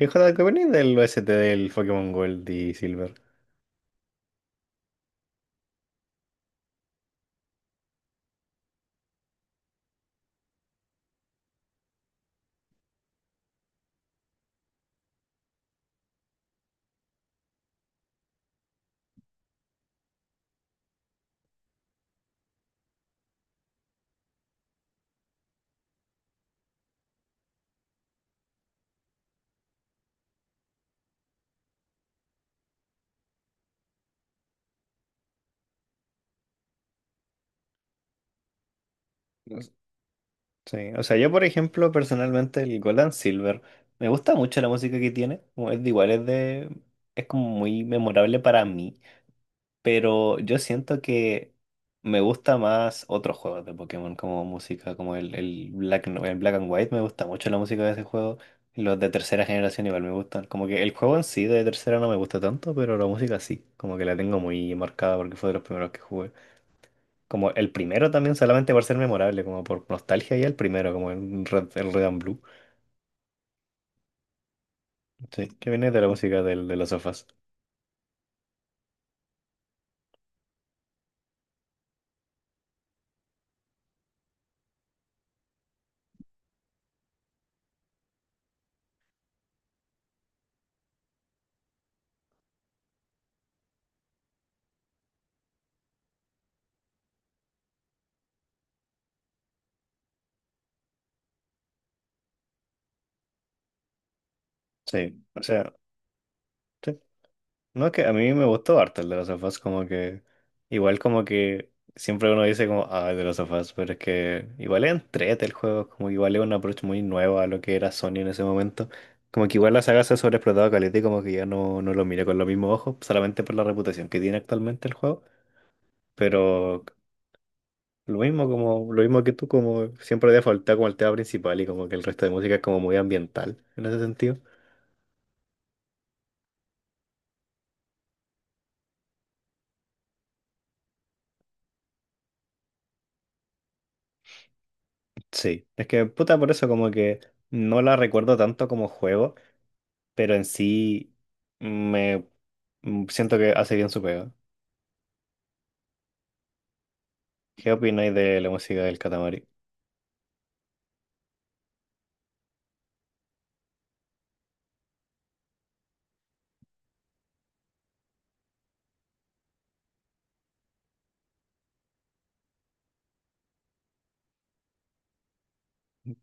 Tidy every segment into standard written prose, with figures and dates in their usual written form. ¿Hijo de opináis del OST del Pokémon Gold y Silver? No sé. Sí, o sea, yo por ejemplo, personalmente el Gold and Silver, me gusta mucho la música que tiene, como es de igual, es de, es como muy memorable para mí, pero yo siento que me gusta más otros juegos de Pokémon como música, como el Black, el Black and White, me gusta mucho la música de ese juego, los de tercera generación igual me gustan, como que el juego en sí de tercera no me gusta tanto, pero la música sí, como que la tengo muy marcada porque fue de los primeros que jugué. Como el primero también solamente por ser memorable, como por nostalgia ya el primero, como el Red and Blue. Sí, que viene de la música del, de los sofás. Sí, o sea, sí. No es que a mí me gustó harto el de los sofás, como que igual como que siempre uno dice como, ah, el de los sofás, pero es que igual es entrete el juego, como que igual es un approach muy nuevo a lo que era Sony en ese momento. Como que igual la saga se ha sobreexplotado caleta y como que ya no lo mira con los mismos ojos, solamente por la reputación que tiene actualmente el juego. Pero lo mismo, como, lo mismo que tú, como siempre había faltado como el tema principal y como que el resto de música es como muy ambiental en ese sentido. Sí, es que puta por eso como que no la recuerdo tanto como juego, pero en sí me siento que hace bien su pega. ¿Qué opináis de la música del Katamari?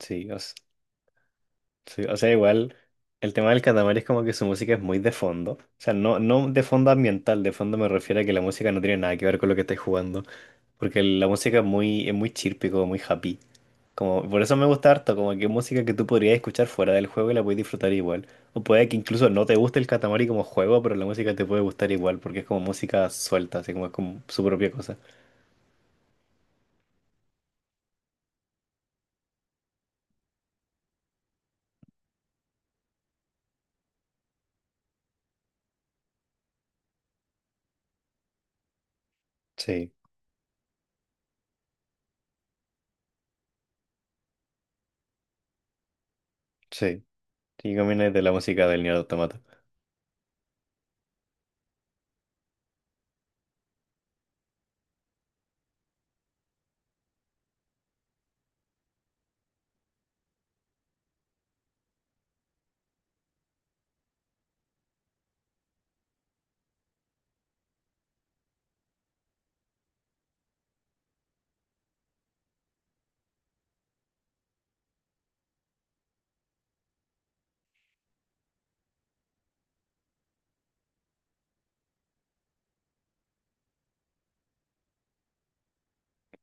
Sí, sí, o sea, igual el tema del Catamar es como que su música es muy de fondo. O sea, no, no de fondo ambiental, de fondo me refiero a que la música no tiene nada que ver con lo que estáis jugando. Porque la música es muy chirpy, como muy happy. Como, por eso me gusta harto, como que es música que tú podrías escuchar fuera del juego y la puedes disfrutar igual. O puede que incluso no te guste el Katamari como juego, pero la música te puede gustar igual, porque es como música suelta, así como es como su propia cosa. Sí, sí. ¿Y qué opinas de la música del Nier Automata?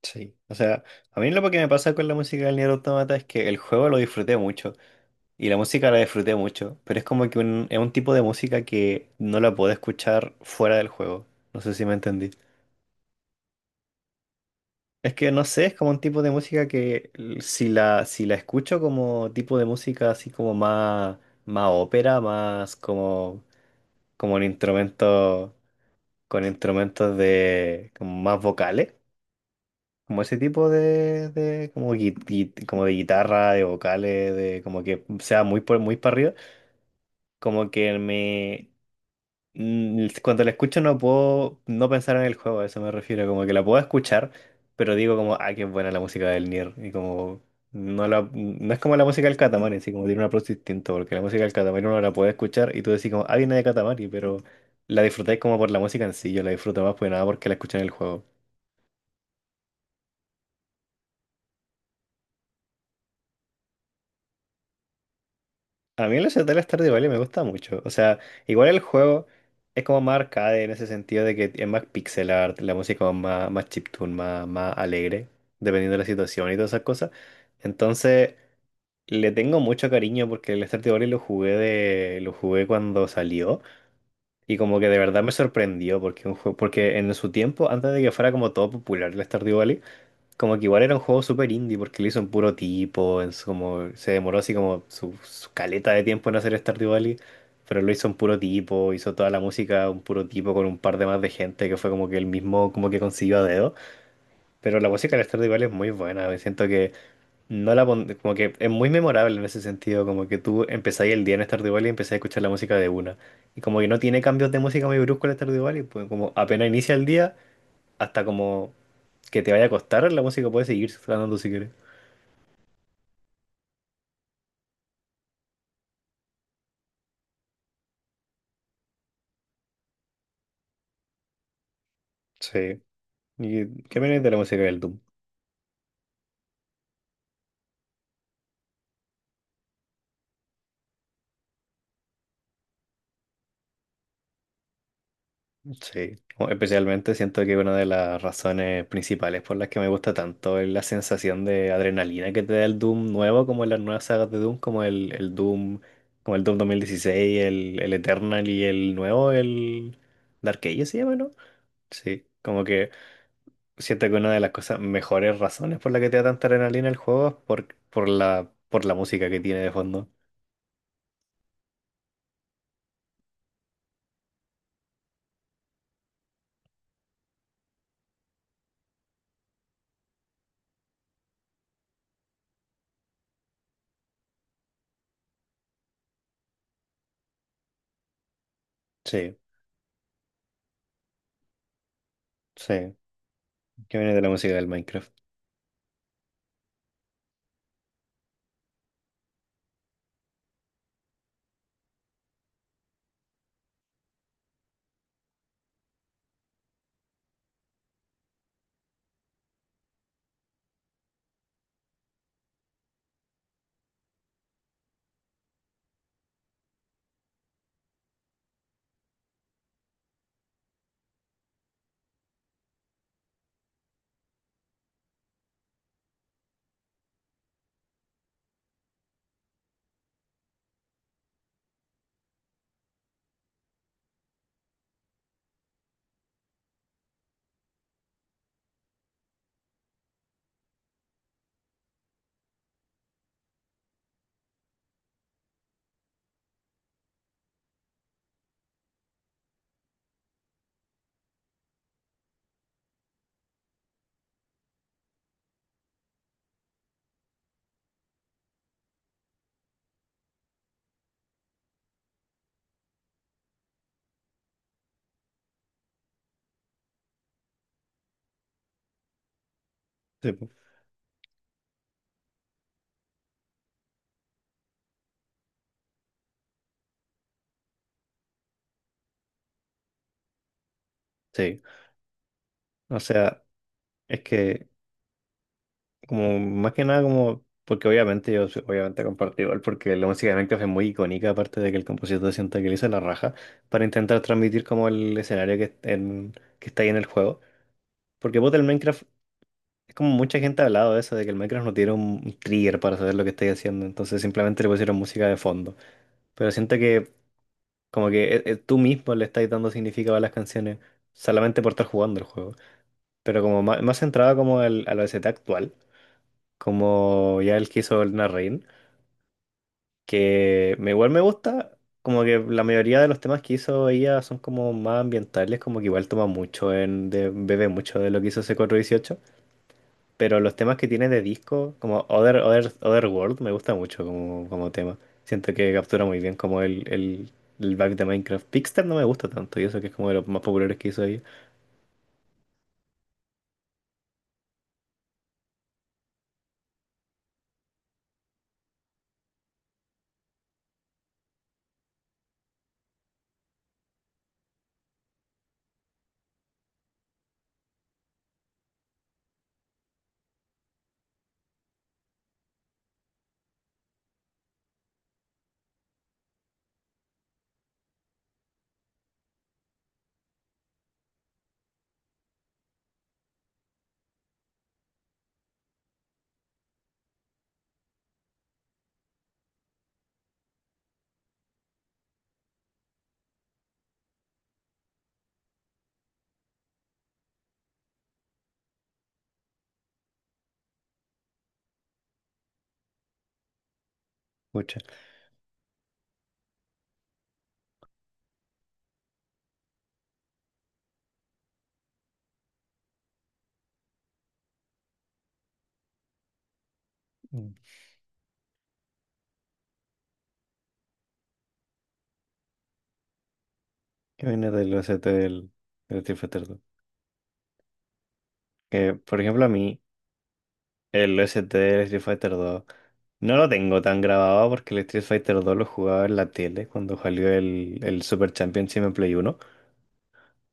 Sí, o sea, a mí lo que me pasa con la música del Nier Automata es que el juego lo disfruté mucho y la música la disfruté mucho, pero es como que es un tipo de música que no la puedo escuchar fuera del juego. No sé si me entendí. Es que no sé, es como un tipo de música que si la, si la escucho como tipo de música así como más, ópera, más como, como un instrumento con instrumentos de como más vocales. Como ese tipo de como, como de guitarra, de vocales, de como que sea muy por muy para arriba, como que me cuando la escucho no puedo no pensar en el juego, a eso me refiero, como que la puedo escuchar, pero digo como, ah, qué buena la música del Nier, y como no la no es como la música del Katamari, sí, como tiene un approach distinto, porque la música del Katamari uno la puede escuchar y tú decís como, ah, viene de Katamari, pero la disfrutáis como por la música en sí, yo la disfruto más pues nada porque la escuché en el juego. A mí la ciudad del Stardew Valley me gusta mucho. O sea, igual el juego es como más arcade en ese sentido de que es más pixel art, la música es más chiptune, más alegre, dependiendo de la situación y todas esas cosas. Entonces, le tengo mucho cariño porque el Stardew Valley lo jugué cuando salió y como que de verdad me sorprendió porque un juego, porque en su tiempo, antes de que fuera como todo popular el Stardew Valley, como que igual era un juego súper indie porque lo hizo un puro tipo, como, se demoró así como su caleta de tiempo en hacer Stardew Valley, pero lo hizo un puro tipo, hizo toda la música un puro tipo con un par de más de gente que fue como que el mismo como que consiguió a dedo. Pero la música de Stardew Valley es muy buena, me siento que no la como que es muy memorable en ese sentido, como que tú empezáis el día en Stardew Valley y empezás a escuchar la música de una. Y como que no tiene cambios de música muy bruscos en Stardew Valley, pues como apenas inicia el día hasta como que te vaya a costar, la música puede seguir sonando si quieres. Sí. ¿Y qué opinas de la música del Doom? Sí. Especialmente siento que una de las razones principales por las que me gusta tanto es la sensación de adrenalina que te da el Doom nuevo, como en las nuevas sagas de Doom, como el Doom, como el Doom 2016 el Eternal y el nuevo, el Dark Age se llama, ¿no? Sí. Como que siento que una de las cosas mejores razones por la que te da tanta adrenalina el juego es por la música que tiene de fondo. Sí, sí. ¿Qué viene de la música del Minecraft? Sí, po. Sí. O sea, es que como más que nada como porque obviamente obviamente comparto igual porque la música de Minecraft es muy icónica aparte de que el compositor sienta que le hizo la raja para intentar transmitir como el escenario que, que está ahí en el juego. Porque puta, el Minecraft es como mucha gente ha hablado de eso de que el Minecraft no tiene un trigger para saber lo que estáis haciendo, entonces simplemente le pusieron música de fondo. Pero siento que como que tú mismo le estás dando significado a las canciones solamente por estar jugando el juego. Pero como más, más centrado como al, a la OST actual, como ya el que hizo el Rain, que me, igual me gusta, como que la mayoría de los temas que hizo ella son como más ambientales, como que igual toma mucho en, de, bebe mucho de lo que hizo C418, pero los temas que tiene de disco, como Other World, me gusta mucho como, como tema. Siento que captura muy bien como el back de Minecraft. Pixter no me gusta tanto, y eso que es como de los más populares que hizo ella. Mucha. Mm. ¿Qué viene del OST del Street Fighter 2? Que, por ejemplo, a mí. El OST del Street Fighter 2. No lo tengo tan grabado porque el Street Fighter 2 lo jugaba en la tele cuando salió el Super Championship en Play uno.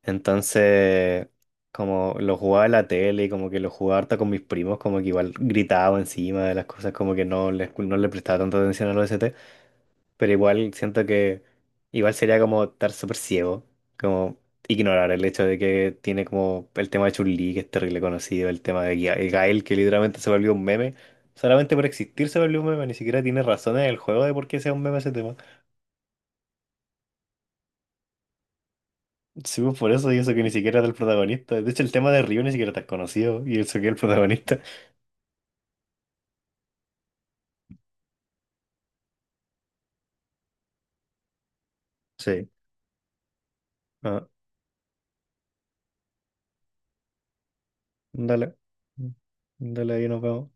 Entonces, como lo jugaba en la tele y como que lo jugaba harta con mis primos, como que igual gritaba encima de las cosas, como que no le prestaba tanta atención al OST. Pero igual siento que igual sería como estar súper ciego, como ignorar el hecho de que tiene como el tema de Chun-Li, que es terrible conocido, el tema de Gael, que literalmente se volvió un meme. Solamente por existir se volvió un meme, ni siquiera tiene razones en el juego de por qué sea un meme ese tema. Sí, pues, por eso, y eso que ni siquiera es el protagonista. De hecho, el tema de Ryu ni siquiera está conocido, y eso que es el protagonista. Sí. Ah, dale. Dale, ahí nos vemos.